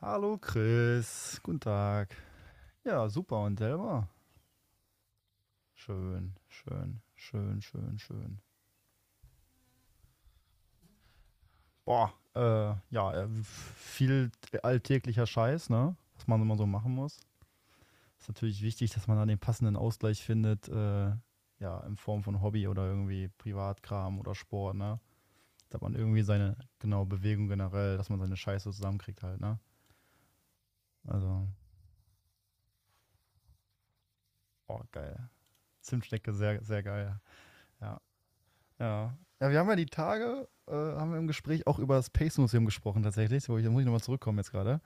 Hallo Chris, guten Tag. Ja, super und selber? Schön, schön, schön, schön, schön. Boah, ja, viel alltäglicher Scheiß, ne? Was man immer so machen muss. Ist natürlich wichtig, dass man da den passenden Ausgleich findet, ja, in Form von Hobby oder irgendwie Privatkram oder Sport, ne? Dass man irgendwie seine, genau, Bewegung generell, dass man seine Scheiße zusammenkriegt halt, ne? Also, oh, geil. Zimtschnecke, sehr, sehr geil. Ja. Ja. Ja, wir haben ja die Tage, haben wir im Gespräch auch über das Pace Museum gesprochen tatsächlich, wo ich, da muss ich nochmal zurückkommen jetzt gerade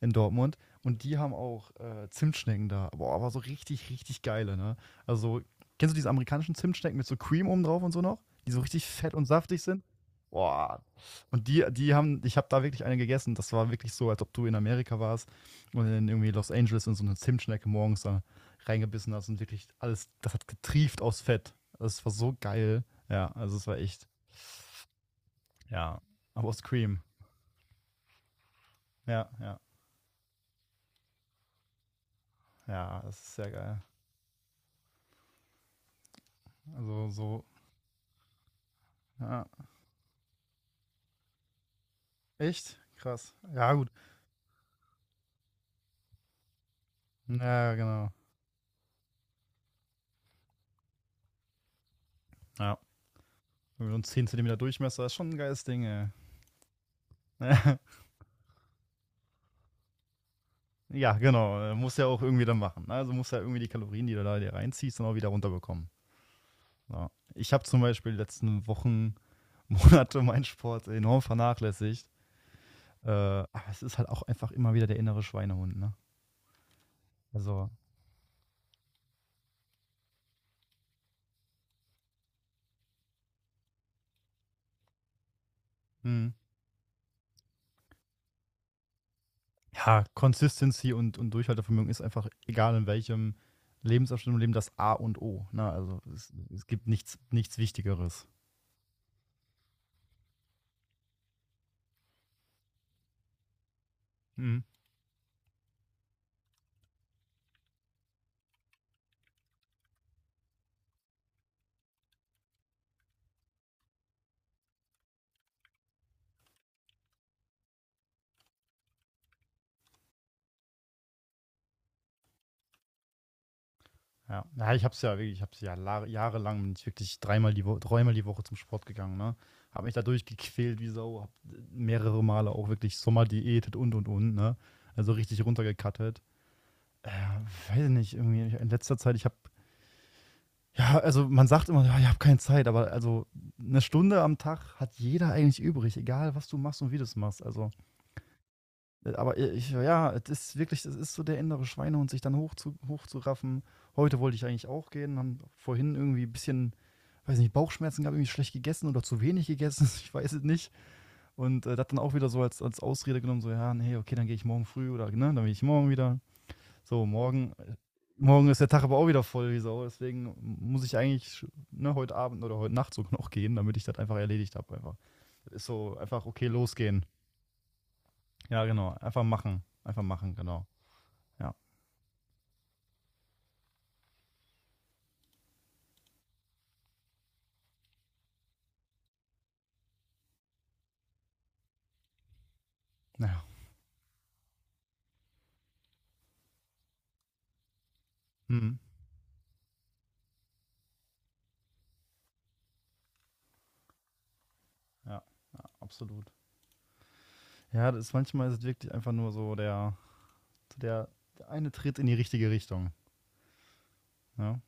in Dortmund. Und die haben auch Zimtschnecken da. Boah, aber so richtig, richtig geile, ne? Also, kennst du diese amerikanischen Zimtschnecken mit so Cream oben drauf und so noch? Die so richtig fett und saftig sind? Boah. Und die, die haben, ich habe da wirklich eine gegessen. Das war wirklich so, als ob du in Amerika warst und in irgendwie Los Angeles und so eine Zimtschnecke morgens da reingebissen hast und wirklich alles, das hat getrieft aus Fett. Das war so geil. Ja, also es war echt, ja. Aber aus Cream. Ja, ja, ja, das ist sehr geil. Also so, ja. Echt? Krass. Ja, gut. Ja, genau. Ja. Und 10 Zentimeter Durchmesser ist schon ein geiles Ding, ey. Ja, genau. Muss ja auch irgendwie dann machen, ne? Also muss ja irgendwie die Kalorien, die du da dir reinziehst, dann auch wieder runterbekommen. Ja. Ich habe zum Beispiel die letzten Wochen, Monate meinen Sport enorm vernachlässigt. Aber es ist halt auch einfach immer wieder der innere Schweinehund, ne? Also, mh. Ja, Consistency und Durchhaltevermögen ist einfach, egal in welchem Lebensabschnitt im Leben, das A und O. Ne? Also es gibt nichts, nichts Wichtigeres. Mhm. Ja, ja, ich habe es ja wirklich, ich habe es ja jahrelang, bin ich wirklich dreimal die Woche zum Sport gegangen. Ne? Habe mich dadurch gequält wie Sau, habe mehrere Male auch wirklich Sommer diätet und und. Ne? Also richtig runtergekattet. Äh, Weiß ich nicht, irgendwie in letzter Zeit, ich habe ja, also man sagt immer, ja, ich habe keine Zeit, aber also eine Stunde am Tag hat jeder eigentlich übrig, egal was du machst und wie du es machst. Also, aber ja, es ist so der innere Schweinehund, sich dann hochzuraffen. Heute wollte ich eigentlich auch gehen, haben vorhin irgendwie ein bisschen, weiß nicht, Bauchschmerzen gehabt, irgendwie schlecht gegessen oder zu wenig gegessen, ich weiß es nicht. Und das dann auch wieder so als Ausrede genommen, so, ja, nee, okay, dann gehe ich morgen früh oder, ne, dann gehe ich morgen wieder. So, Morgen ist der Tag aber auch wieder voll wie Sau. Deswegen muss ich eigentlich, ne, heute Abend oder heute Nacht sogar noch gehen, damit ich das einfach erledigt habe. Einfach. Das ist so einfach, okay, losgehen. Ja, genau. Einfach machen. Einfach machen, genau. Ja. Naja. Mhm. Ja, absolut. Ja, manchmal ist es wirklich einfach nur so der, der eine Tritt in die richtige Richtung. Ja.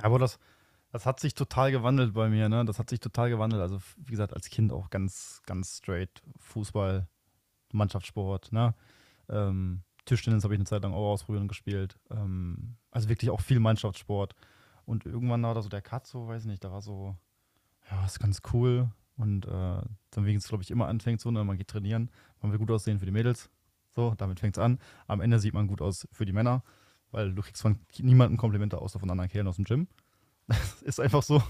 Aber das hat sich total gewandelt bei mir, ne? Das hat sich total gewandelt. Also, wie gesagt, als Kind auch ganz, ganz straight Fußball, Mannschaftssport, ne? Tischtennis habe ich eine Zeit lang auch ausprobiert und gespielt. Also wirklich auch viel Mannschaftssport. Und irgendwann war da so der Katzo, weiß nicht, da war so, ja, ist ganz cool. Und dann wegen es, glaube ich, immer anfängt so, ne, man geht trainieren, man will gut aussehen für die Mädels. So, damit fängt es an. Am Ende sieht man gut aus für die Männer, weil du kriegst von niemandem Komplimente außer von anderen Kerlen aus dem Gym. Ist einfach so.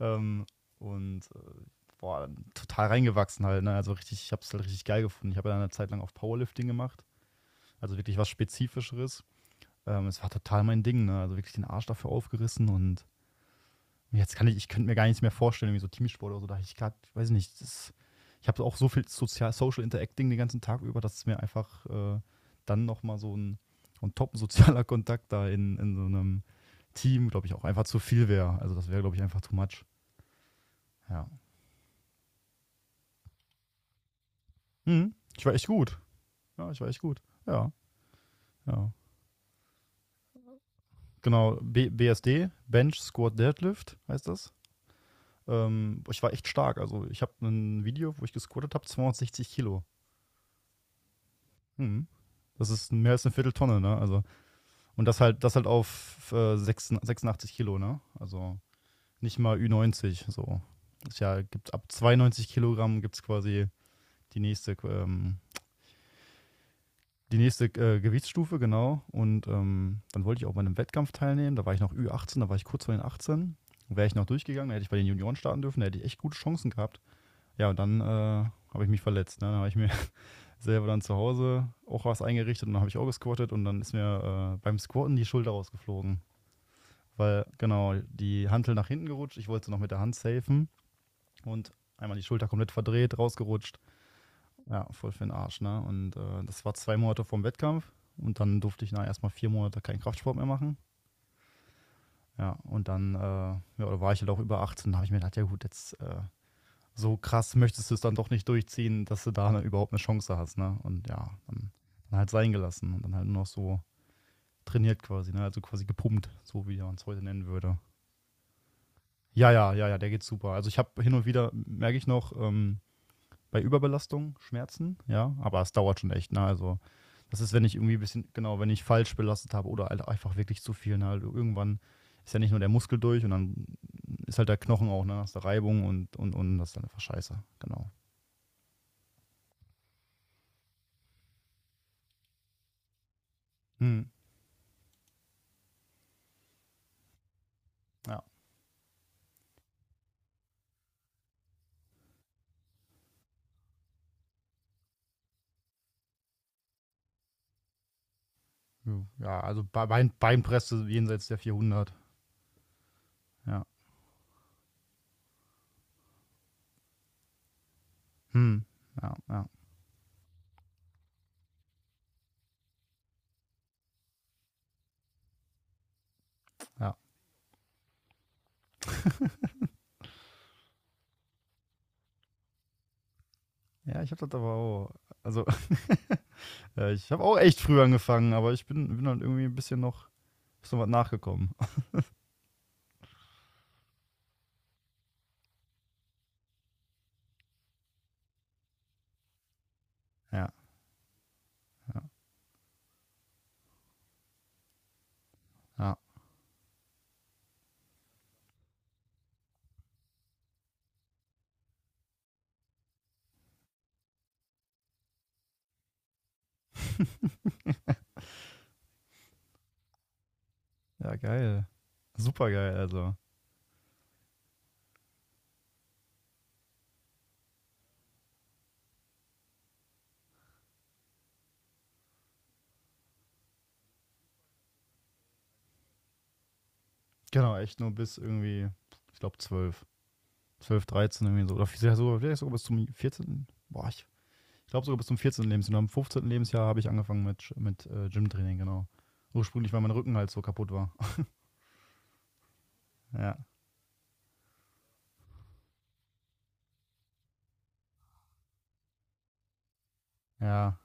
Ähm, und boah, total reingewachsen halt, ne? Also richtig, ich habe es halt richtig geil gefunden. Ich habe ja eine Zeit lang auf Powerlifting gemacht. Also wirklich was Spezifischeres. Es war total mein Ding, ne? Also wirklich den Arsch dafür aufgerissen und jetzt kann ich, könnte mir gar nichts mehr vorstellen, wie so Teamsport oder so. Da ich grad, weiß nicht, ich habe auch so viel Social Interacting den ganzen Tag über, dass es mir einfach dann nochmal so und top sozialer Kontakt da in so einem Team, glaube ich, auch einfach zu viel wäre. Also das wäre, glaube ich, einfach too much. Ja. Mhm. Ich war echt gut. Ja, ich war echt gut. Ja, ja. Genau, B BSD, Bench Squat Deadlift heißt das. Ich war echt stark. Also ich habe ein Video, wo ich gesquattet habe, 260 Kilo. Hm. Das ist mehr als eine Vierteltonne, ne? Also, und das halt auf 86 Kilo, ne? Also nicht mal Ü90. So. Ist ja, gibt ab 92 Kilogramm gibt es quasi die nächste, ähm, die nächste Gewichtsstufe, genau. Und dann wollte ich auch bei einem Wettkampf teilnehmen. Da war ich noch Ü18, da war ich kurz vor den 18. Wäre ich noch durchgegangen, dann hätte ich bei den Junioren starten dürfen, da hätte ich echt gute Chancen gehabt. Ja, und dann habe ich mich verletzt, ne? Dann habe ich mir selber dann zu Hause auch was eingerichtet und dann habe ich auch gesquattet und dann ist mir beim Squatten die Schulter rausgeflogen. Weil, genau, die Hantel nach hinten gerutscht, ich wollte sie noch mit der Hand safen und einmal die Schulter komplett verdreht, rausgerutscht. Ja, voll für den Arsch, ne? Und das war 2 Monate vorm Wettkampf und dann durfte ich, na, erstmal 4 Monate keinen Kraftsport mehr machen. Ja, und dann ja, da war ich halt auch über 18, da habe ich mir gedacht, ja gut, jetzt so krass möchtest du es dann doch nicht durchziehen, dass du da, ne, überhaupt eine Chance hast, ne? Und ja, dann, dann halt sein gelassen und dann halt nur noch so trainiert quasi, ne? Also quasi gepumpt, so wie man es heute nennen würde. Ja, ja, ja, ja, der geht super. Also ich habe hin und wieder, merke ich noch, bei Überbelastung Schmerzen, ja, aber es dauert schon echt, ne? Also das ist, wenn ich irgendwie ein bisschen, genau, wenn ich falsch belastet habe oder halt einfach wirklich zu viel, ne? Also irgendwann ist ja nicht nur der Muskel durch und dann ist halt der Knochen auch, ne? Hast du Reibung und das ist dann einfach scheiße, genau. Hm, ja. Hm, ja, also Beinpresse jenseits der 400. Ja. Hm, ja, ja, ja. Ja, ich habe das aber auch, also, ja, ich habe auch echt früh angefangen, aber ich bin dann irgendwie ein bisschen noch, ist noch was nachgekommen. Ja, ja. Ja, geil. Super geil, also. Genau, echt nur bis irgendwie, ich glaube, 12, 12, 13 irgendwie so. Oder vielleicht sogar bis zum 14. Boah, ich glaube sogar bis zum 14. Lebensjahr. Und am 15. Lebensjahr habe ich angefangen mit Gymtraining, genau. Ursprünglich, weil mein Rücken halt so kaputt war. Ja, ja,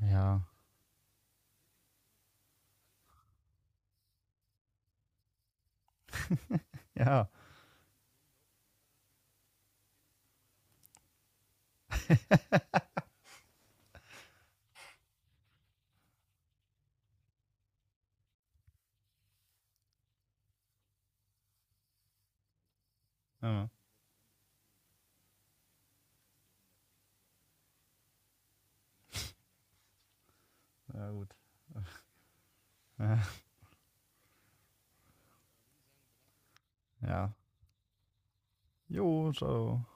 ja, ja. Ja, ja gut. Ja. Ja. Jo, ciao.